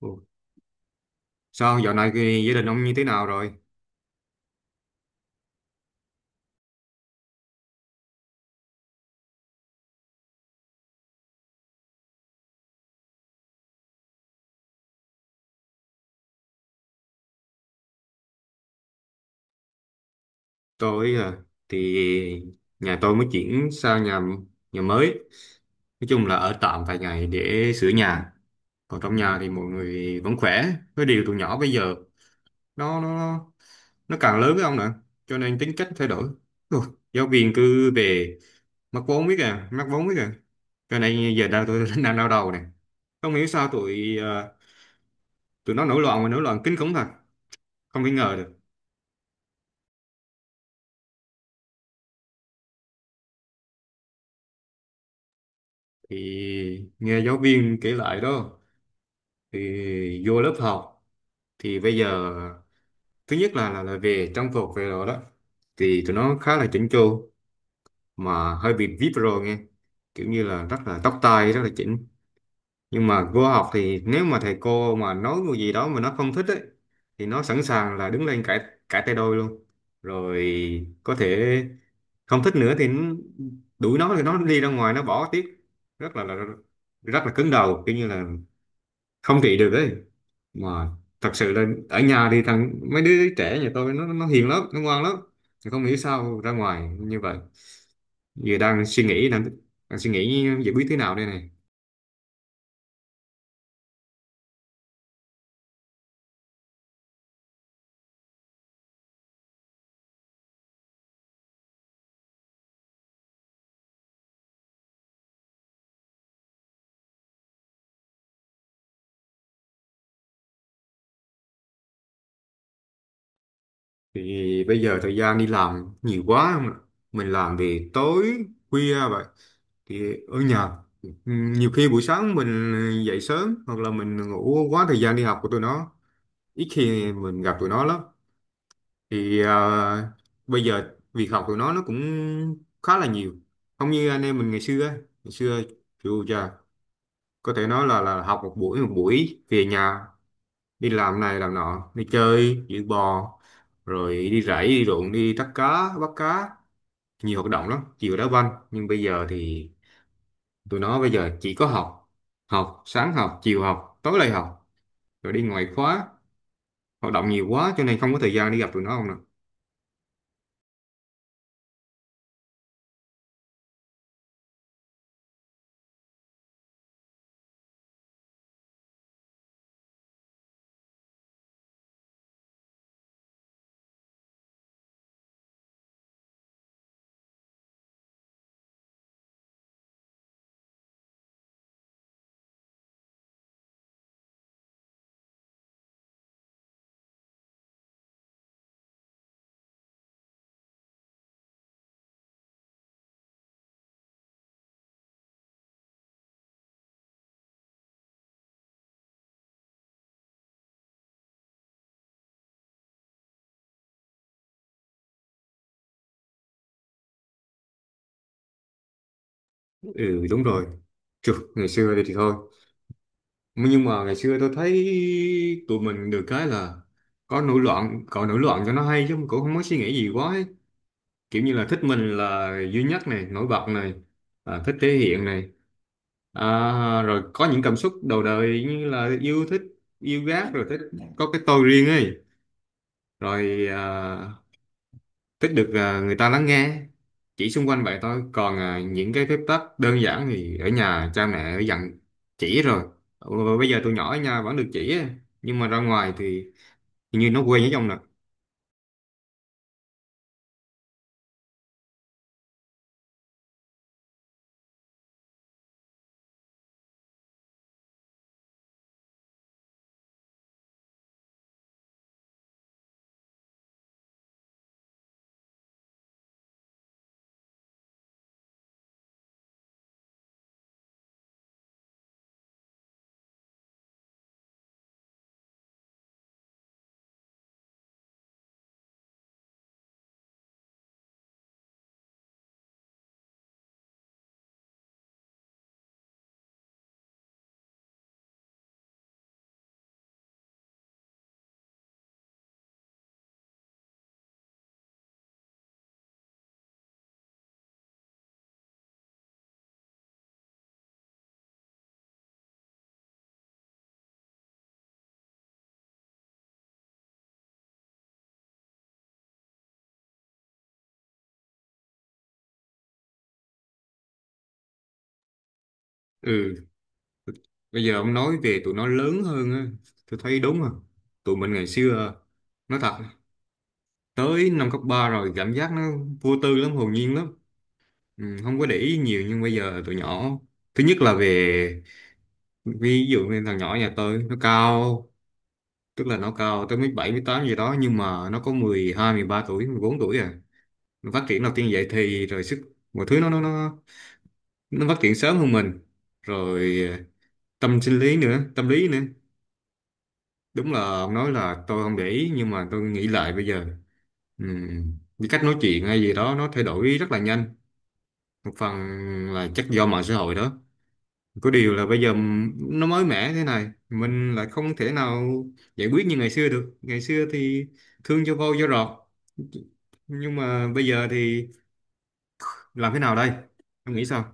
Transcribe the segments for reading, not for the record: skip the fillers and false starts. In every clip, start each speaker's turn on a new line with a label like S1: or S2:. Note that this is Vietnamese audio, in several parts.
S1: Ồ, sao dạo này cái gia đình ông như thế nào rồi? Tôi à, thì nhà tôi mới chuyển sang nhà nhà mới. Nói chung là ở tạm vài ngày để sửa nhà. Còn trong nhà thì mọi người vẫn khỏe. Cái điều tụi nhỏ bây giờ nó nó nó càng lớn với ông nữa, cho nên tính cách thay đổi. Ồ, giáo viên cứ về mắc vốn biết à, mắc vốn biết à. Cho nên giờ đang tôi đang đau đầu nè. Không hiểu sao tụi nó nổi loạn mà nổi loạn kinh khủng thật. Không thể ngờ được. Thì nghe giáo viên kể lại đó, thì vô lớp học thì bây giờ thứ nhất là về trang phục về rồi đó, thì tụi nó khá là chỉnh chu, mà hơi bị vip rồi nghe, kiểu như là rất là tóc tai rất là chỉnh. Nhưng mà vô học thì nếu mà thầy cô mà nói một gì đó mà nó không thích ấy, thì nó sẵn sàng là đứng lên cãi, cãi tay đôi luôn, rồi có thể không thích nữa thì đuổi nó thì nó đi ra ngoài nó bỏ tiếp. rất là, là Rất là cứng đầu, kiểu như là không trị được đấy, mà thật sự là ở nhà thì mấy đứa trẻ nhà tôi nó hiền lắm nó ngoan lắm. Thì không hiểu sao ra ngoài như vậy. Giờ đang suy nghĩ giải quyết thế nào đây này. Thì bây giờ thời gian đi làm nhiều quá không ạ? Mình làm thì tối khuya vậy thì ở nhà nhiều khi buổi sáng mình dậy sớm, hoặc là mình ngủ quá thời gian đi học của tụi nó, ít khi mình gặp tụi nó lắm. Thì bây giờ việc học của nó cũng khá là nhiều, không như anh em mình ngày xưa á. Ngày xưa chịu chà, có thể nói là học một buổi, một buổi về nhà đi làm này làm nọ đi chơi giữ bò, rồi đi rẫy đi ruộng đi bắt cá nhiều hoạt động lắm, chiều đá banh. Nhưng bây giờ thì tụi nó bây giờ chỉ có học, học sáng học chiều học tối lại học, rồi đi ngoại khóa, hoạt động nhiều quá cho nên không có thời gian đi gặp tụi nó không nè. Ừ, đúng rồi. Chù, ngày xưa thì thôi, nhưng mà ngày xưa tôi thấy tụi mình được cái là có nổi loạn cậu nổi loạn cho nó hay chứ cũng không có suy nghĩ gì quá ấy. Kiểu như là thích mình là duy nhất này, nổi bật này, à, thích thể hiện này, à, rồi có những cảm xúc đầu đời như là yêu thích, yêu ghét rồi thích có cái tôi riêng ấy. Rồi à, thích được à, người ta lắng nghe chỉ xung quanh vậy thôi, còn à, những cái phép tắc đơn giản thì ở nhà cha mẹ đã dặn chỉ rồi. Ừ, bây giờ tụi nhỏ ở nhà vẫn được chỉ á, nhưng mà ra ngoài thì hình như nó quen với ông nè. Ừ, bây giờ ông nói về tụi nó lớn hơn á, tôi thấy đúng rồi. Tụi mình ngày xưa nói thật, tới năm cấp 3 rồi cảm giác nó vô tư lắm hồn nhiên lắm. Ừ, không có để ý nhiều, nhưng bây giờ tụi nhỏ thứ nhất là về, ví dụ như thằng nhỏ nhà tôi nó cao, tức là nó cao tới mấy bảy mấy tám gì đó, nhưng mà nó có 12, 13 tuổi 14 tuổi à. Nó phát triển đầu tiên vậy thì rồi sức mọi thứ nó phát triển sớm hơn mình. Rồi à, tâm sinh lý nữa tâm lý nữa, đúng là ông nói là tôi không để ý, nhưng mà tôi nghĩ lại bây giờ cái cách nói chuyện hay gì đó nó thay đổi rất là nhanh, một phần là chắc do mạng xã hội đó. Có điều là bây giờ nó mới mẻ thế này, mình lại không thể nào giải quyết như ngày xưa được. Ngày xưa thì thương cho vô cho rọt, nhưng mà bây giờ thì làm thế nào đây? Em nghĩ sao?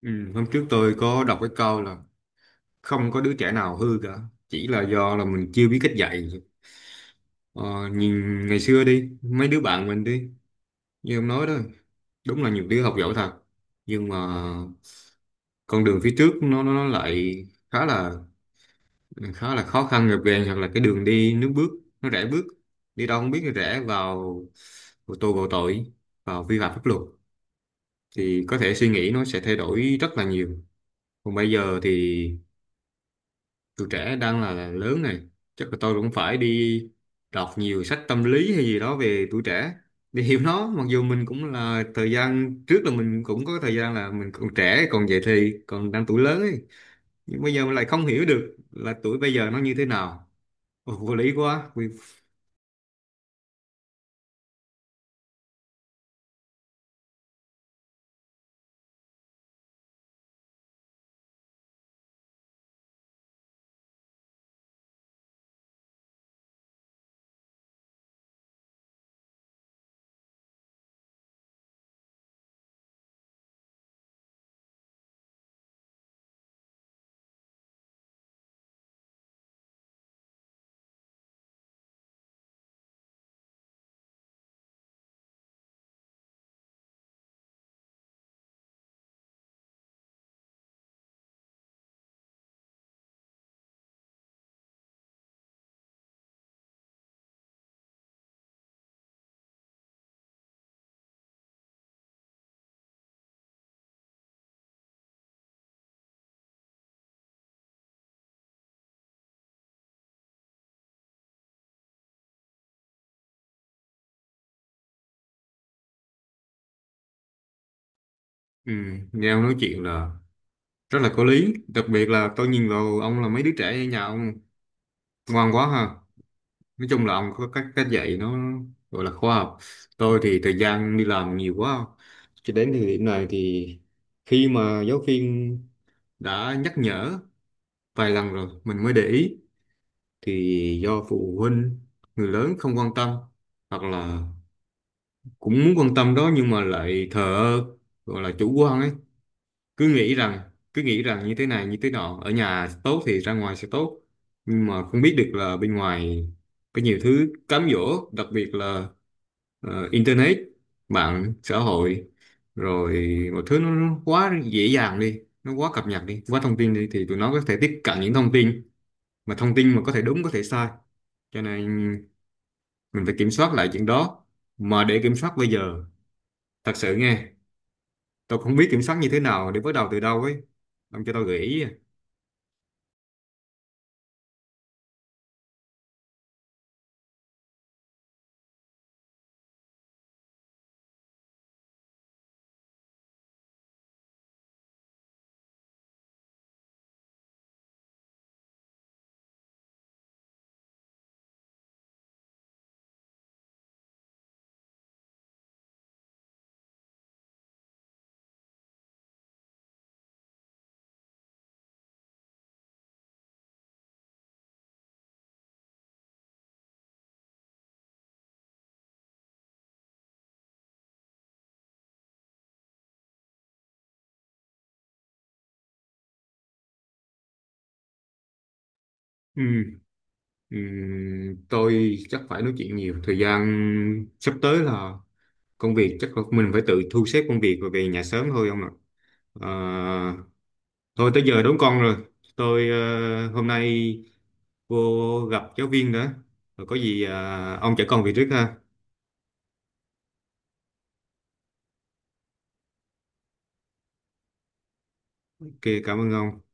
S1: Ừ, hôm trước tôi có đọc cái câu là không có đứa trẻ nào hư cả, chỉ là do là mình chưa biết cách dạy. Ờ, nhìn ngày xưa đi, mấy đứa bạn mình đi, như em nói đó, đúng là nhiều đứa học giỏi thật, nhưng mà con đường phía trước nó lại khá là, khá là khó khăn gập ghềnh, hoặc là cái đường đi nước bước nó rẽ bước đi đâu không biết rẽ vào, vào tù vào tội, vào vi phạm pháp luật, thì có thể suy nghĩ nó sẽ thay đổi rất là nhiều. Còn bây giờ thì tụi trẻ đang là lớn này, chắc là tôi cũng phải đi đọc nhiều sách tâm lý hay gì đó về tuổi trẻ để hiểu nó, mặc dù mình cũng là thời gian trước là mình cũng có thời gian là mình còn trẻ còn dậy thì còn đang tuổi lớn ấy, nhưng bây giờ mình lại không hiểu được là tuổi bây giờ nó như thế nào. Ồ, vô lý quá. Ừ, nghe ông nói chuyện là rất là có lý, đặc biệt là tôi nhìn vào ông là mấy đứa trẻ ở nhà ông ngoan quá ha. Nói chung là ông có cách cách dạy nó gọi là khoa học. Tôi thì thời gian đi làm nhiều quá, cho đến thời điểm này thì khi mà giáo viên đã nhắc nhở vài lần rồi mình mới để ý, thì do phụ huynh người lớn không quan tâm, hoặc là cũng muốn quan tâm đó nhưng mà lại thờ ơ, gọi là chủ quan ấy, cứ nghĩ rằng cứ nghĩ rằng như thế này như thế nọ ở nhà tốt thì ra ngoài sẽ tốt. Nhưng mà không biết được là bên ngoài có nhiều thứ cám dỗ, đặc biệt là internet, mạng xã hội, rồi một thứ nó quá dễ dàng đi nó quá cập nhật đi quá thông tin đi, thì tụi nó có thể tiếp cận những thông tin, mà thông tin mà có thể đúng có thể sai, cho nên mình phải kiểm soát lại chuyện đó. Mà để kiểm soát bây giờ thật sự nghe tôi không biết kiểm soát như thế nào để bắt đầu từ đâu ấy, ông cho tôi gợi ý à. Ừ. Tôi chắc phải nói chuyện nhiều, thời gian sắp tới là công việc chắc là mình phải tự thu xếp công việc rồi về nhà sớm thôi ông ạ. Ờ, thôi tới giờ đón con rồi, tôi hôm nay vô gặp giáo viên nữa, rồi có gì ông chở con về trước ha. Ok, cảm ơn ông.